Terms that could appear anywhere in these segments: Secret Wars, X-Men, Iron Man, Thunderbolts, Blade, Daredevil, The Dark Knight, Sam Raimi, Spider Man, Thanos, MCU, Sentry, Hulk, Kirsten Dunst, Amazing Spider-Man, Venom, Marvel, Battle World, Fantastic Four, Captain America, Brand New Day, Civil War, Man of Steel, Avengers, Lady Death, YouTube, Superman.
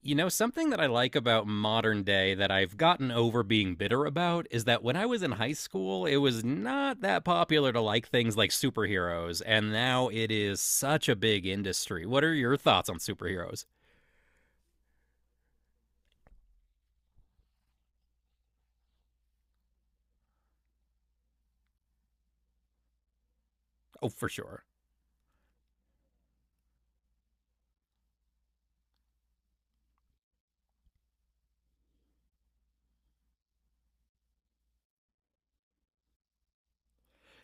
You know, something that I like about modern day that I've gotten over being bitter about is that when I was in high school, it was not that popular to like things like superheroes, and now it is such a big industry. What are your thoughts on superheroes? Oh, for sure.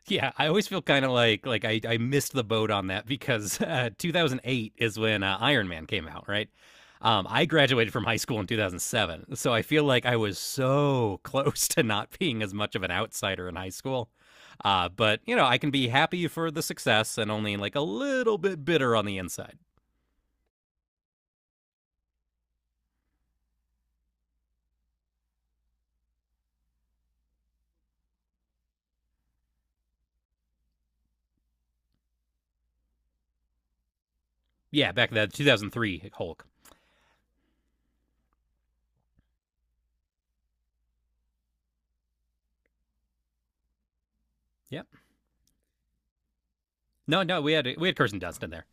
Yeah, I always feel kind of like like I missed the boat on that because 2008 is when Iron Man came out, right? I graduated from high school in 2007, so I feel like I was so close to not being as much of an outsider in high school. But you know, I can be happy for the success and only like a little bit bitter on the inside. Yeah, back to that 2003 Hulk. Yep. No, no, we had Kirsten Dunst in there.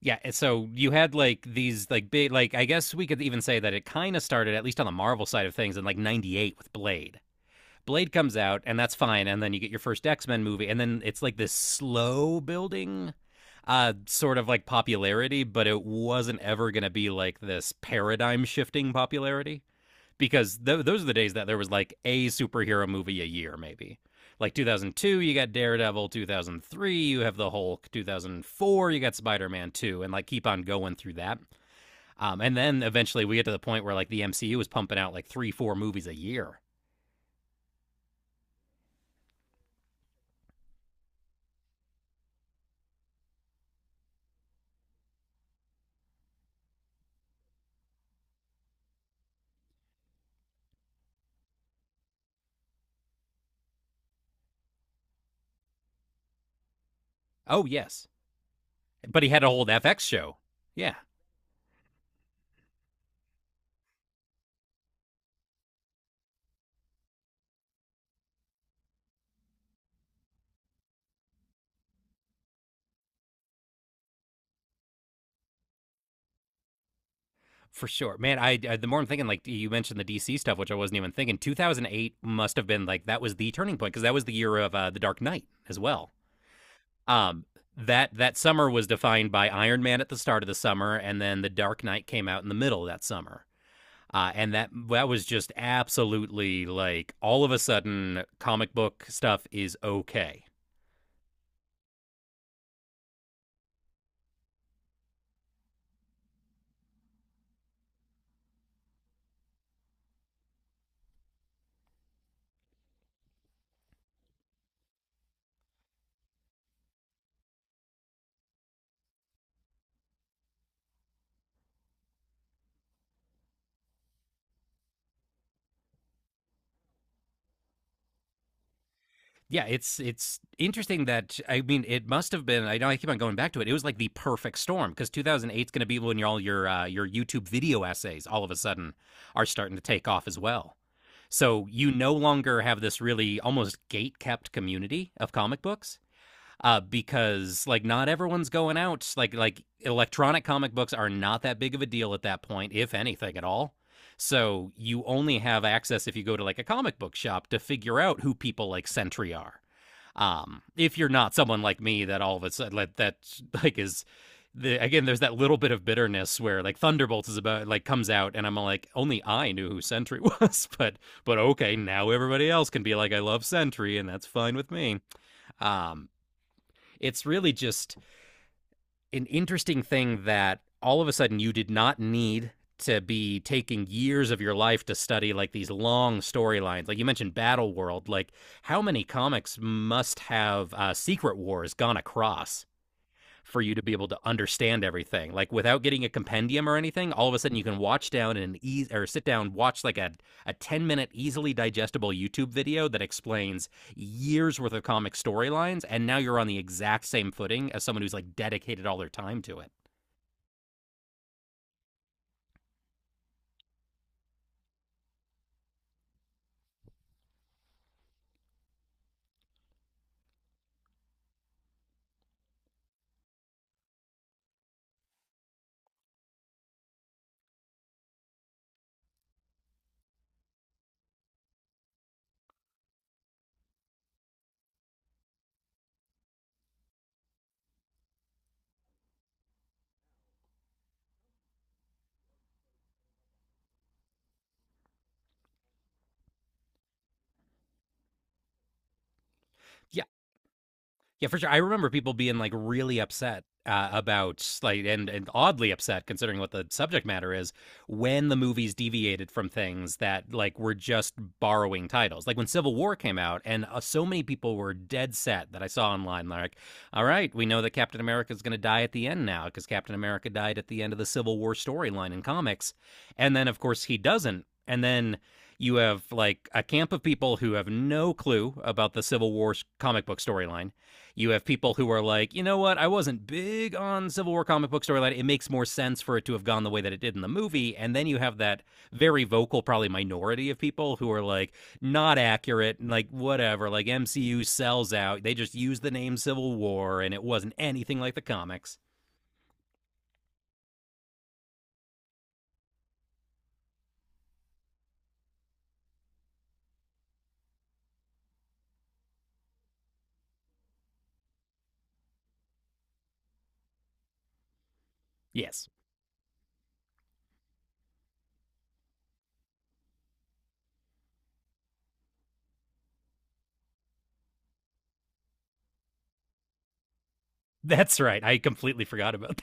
Yeah, so you had like these like big like I guess we could even say that it kind of started at least on the Marvel side of things in like 98 with Blade. Blade comes out and that's fine, and then you get your first X-Men movie, and then it's like this slow building sort of like popularity, but it wasn't ever going to be like this paradigm shifting popularity because those are the days that there was like a superhero movie a year, maybe. Like 2002, you got Daredevil. 2003, you have the Hulk. 2004, you got Spider Man 2, and like keep on going through that. And then eventually we get to the point where like the MCU was pumping out like three, four movies a year. Oh, yes. But he had a whole FX show. Yeah, for sure. Man, I the more I'm thinking, like you mentioned the DC stuff, which I wasn't even thinking. 2008 must have been like that was the turning point because that was the year of The Dark Knight as well. Um, that summer was defined by Iron Man at the start of the summer, and then The Dark Knight came out in the middle of that summer. And that was just absolutely like all of a sudden comic book stuff is okay. Yeah, it's interesting that I mean it must have been I know I keep on going back to it. It was like the perfect storm because 2008 is going to be when all your YouTube video essays all of a sudden are starting to take off as well. So you no longer have this really almost gate kept community of comic books. Because like not everyone's going out. Like electronic comic books are not that big of a deal at that point, if anything at all. So you only have access if you go to like a comic book shop to figure out who people like Sentry are. If you're not someone like me that all of a sudden like, that like is the, again, there's that little bit of bitterness where like Thunderbolts is about like comes out, and I'm like, only I knew who Sentry was, but okay, now everybody else can be like, I love Sentry, and that's fine with me. Um, it's really just an interesting thing that all of a sudden you did not need to be taking years of your life to study like these long storylines. Like you mentioned Battle World, like how many comics must have Secret Wars gone across? For you to be able to understand everything. Like without getting a compendium or anything, all of a sudden you can watch down and ease or sit down, watch like a 10-minute easily digestible YouTube video that explains years worth of comic storylines. And now you're on the exact same footing as someone who's like dedicated all their time to it. Yeah, Yeah, for sure. I remember people being like really upset about like and oddly upset considering what the subject matter is when the movies deviated from things that like were just borrowing titles. Like when Civil War came out, and so many people were dead set that I saw online like, "All right, we know that Captain America is going to die at the end now because Captain America died at the end of the Civil War storyline in comics." And then of course he doesn't. And then you have like a camp of people who have no clue about the Civil War comic book storyline. You have people who are like, you know what? I wasn't big on Civil War comic book storyline. It makes more sense for it to have gone the way that it did in the movie. And then you have that very vocal, probably minority of people who are like, not accurate, and like, whatever. Like, MCU sells out. They just used the name Civil War, and it wasn't anything like the comics. Yes, that's right. I completely forgot about.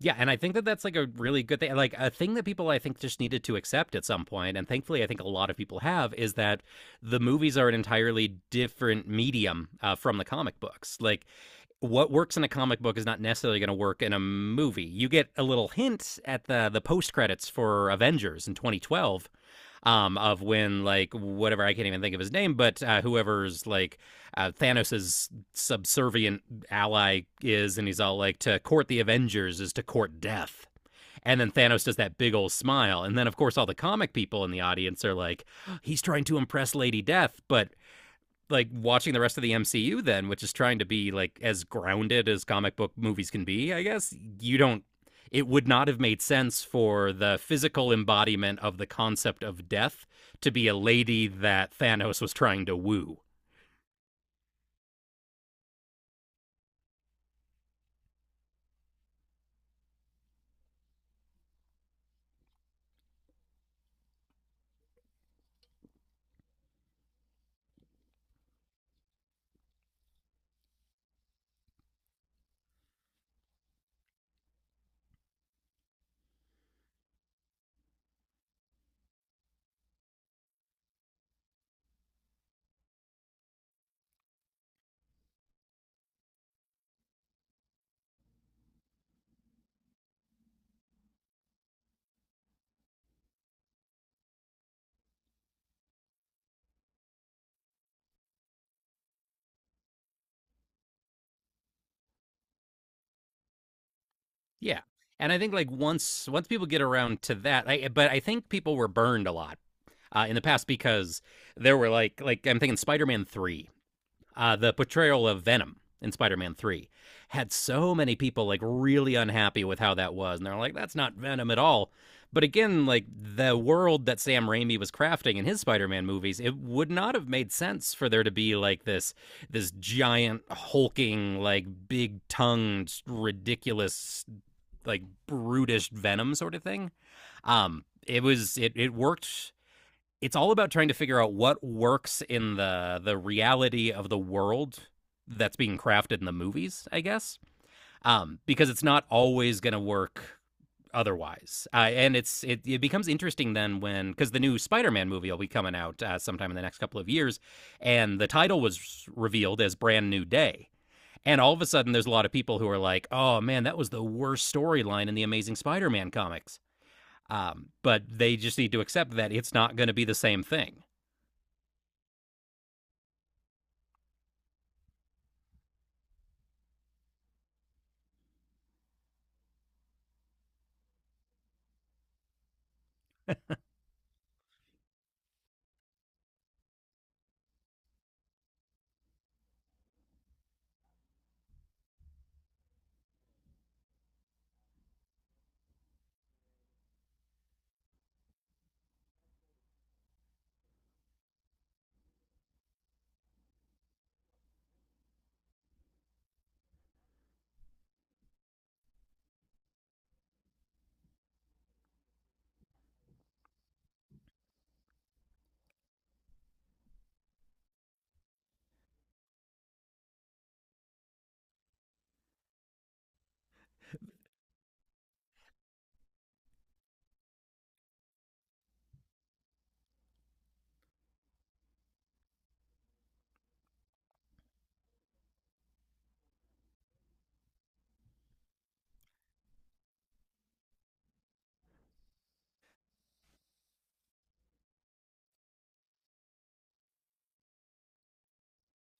Yeah, and I think that that's like a really good thing, like a thing that people I think just needed to accept at some point, and thankfully I think a lot of people have is that the movies are an entirely different medium from the comic books. Like what works in a comic book is not necessarily going to work in a movie. You get a little hint at the post credits for Avengers in 2012, of when like whatever I can't even think of his name, but whoever's like Thanos's subservient ally is, and he's all like, "To court the Avengers is to court death." And then Thanos does that big old smile, and then of course all the comic people in the audience are like, "He's trying to impress Lady Death," but like watching the rest of the MCU then, which is trying to be like as grounded as comic book movies can be, I guess, you don't, it would not have made sense for the physical embodiment of the concept of death to be a lady that Thanos was trying to woo. Yeah, and I think, like, once people get around to that I but I think people were burned a lot, in the past because there were, I'm thinking Spider-Man 3, the portrayal of Venom in Spider-Man 3 had so many people like really unhappy with how that was, and they're like that's not Venom at all. But again, like the world that Sam Raimi was crafting in his Spider-Man movies, it would not have made sense for there to be like this giant hulking like big-tongued ridiculous like brutish Venom sort of thing. It was it worked, it's all about trying to figure out what works in the reality of the world that's being crafted in the movies, I guess. Because it's not always going to work otherwise. And it becomes interesting then when because the new Spider-Man movie will be coming out sometime in the next couple of years, and the title was revealed as Brand New Day. And all of a sudden, there's a lot of people who are like, "Oh man, that was the worst storyline in the Amazing Spider-Man comics." But they just need to accept that it's not going to be the same thing.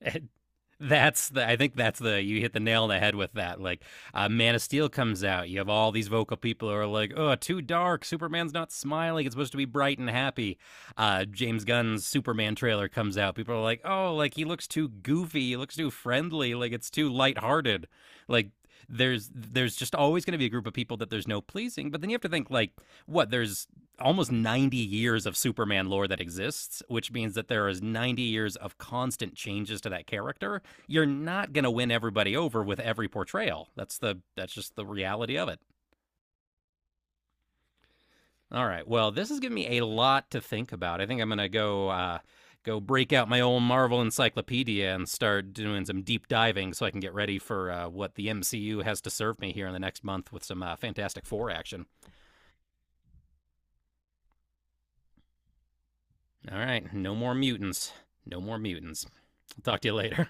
And that's the. I think that's the. You hit the nail on the head with that. Like, Man of Steel comes out. You have all these vocal people who are like, "Oh, too dark. Superman's not smiling. It's supposed to be bright and happy." James Gunn's Superman trailer comes out. People are like, "Oh, like he looks too goofy. He looks too friendly. Like it's too lighthearted." Like there's just always going to be a group of people that there's no pleasing. But then you have to think like, what? There's almost 90 years of Superman lore that exists, which means that there is 90 years of constant changes to that character. You're not going to win everybody over with every portrayal. That's just the reality of it. All right. Well, this has given me a lot to think about. I think I'm going to go go break out my old Marvel encyclopedia and start doing some deep diving so I can get ready for what the MCU has to serve me here in the next month with some Fantastic Four action. All right, no more mutants. No more mutants. I'll talk to you later.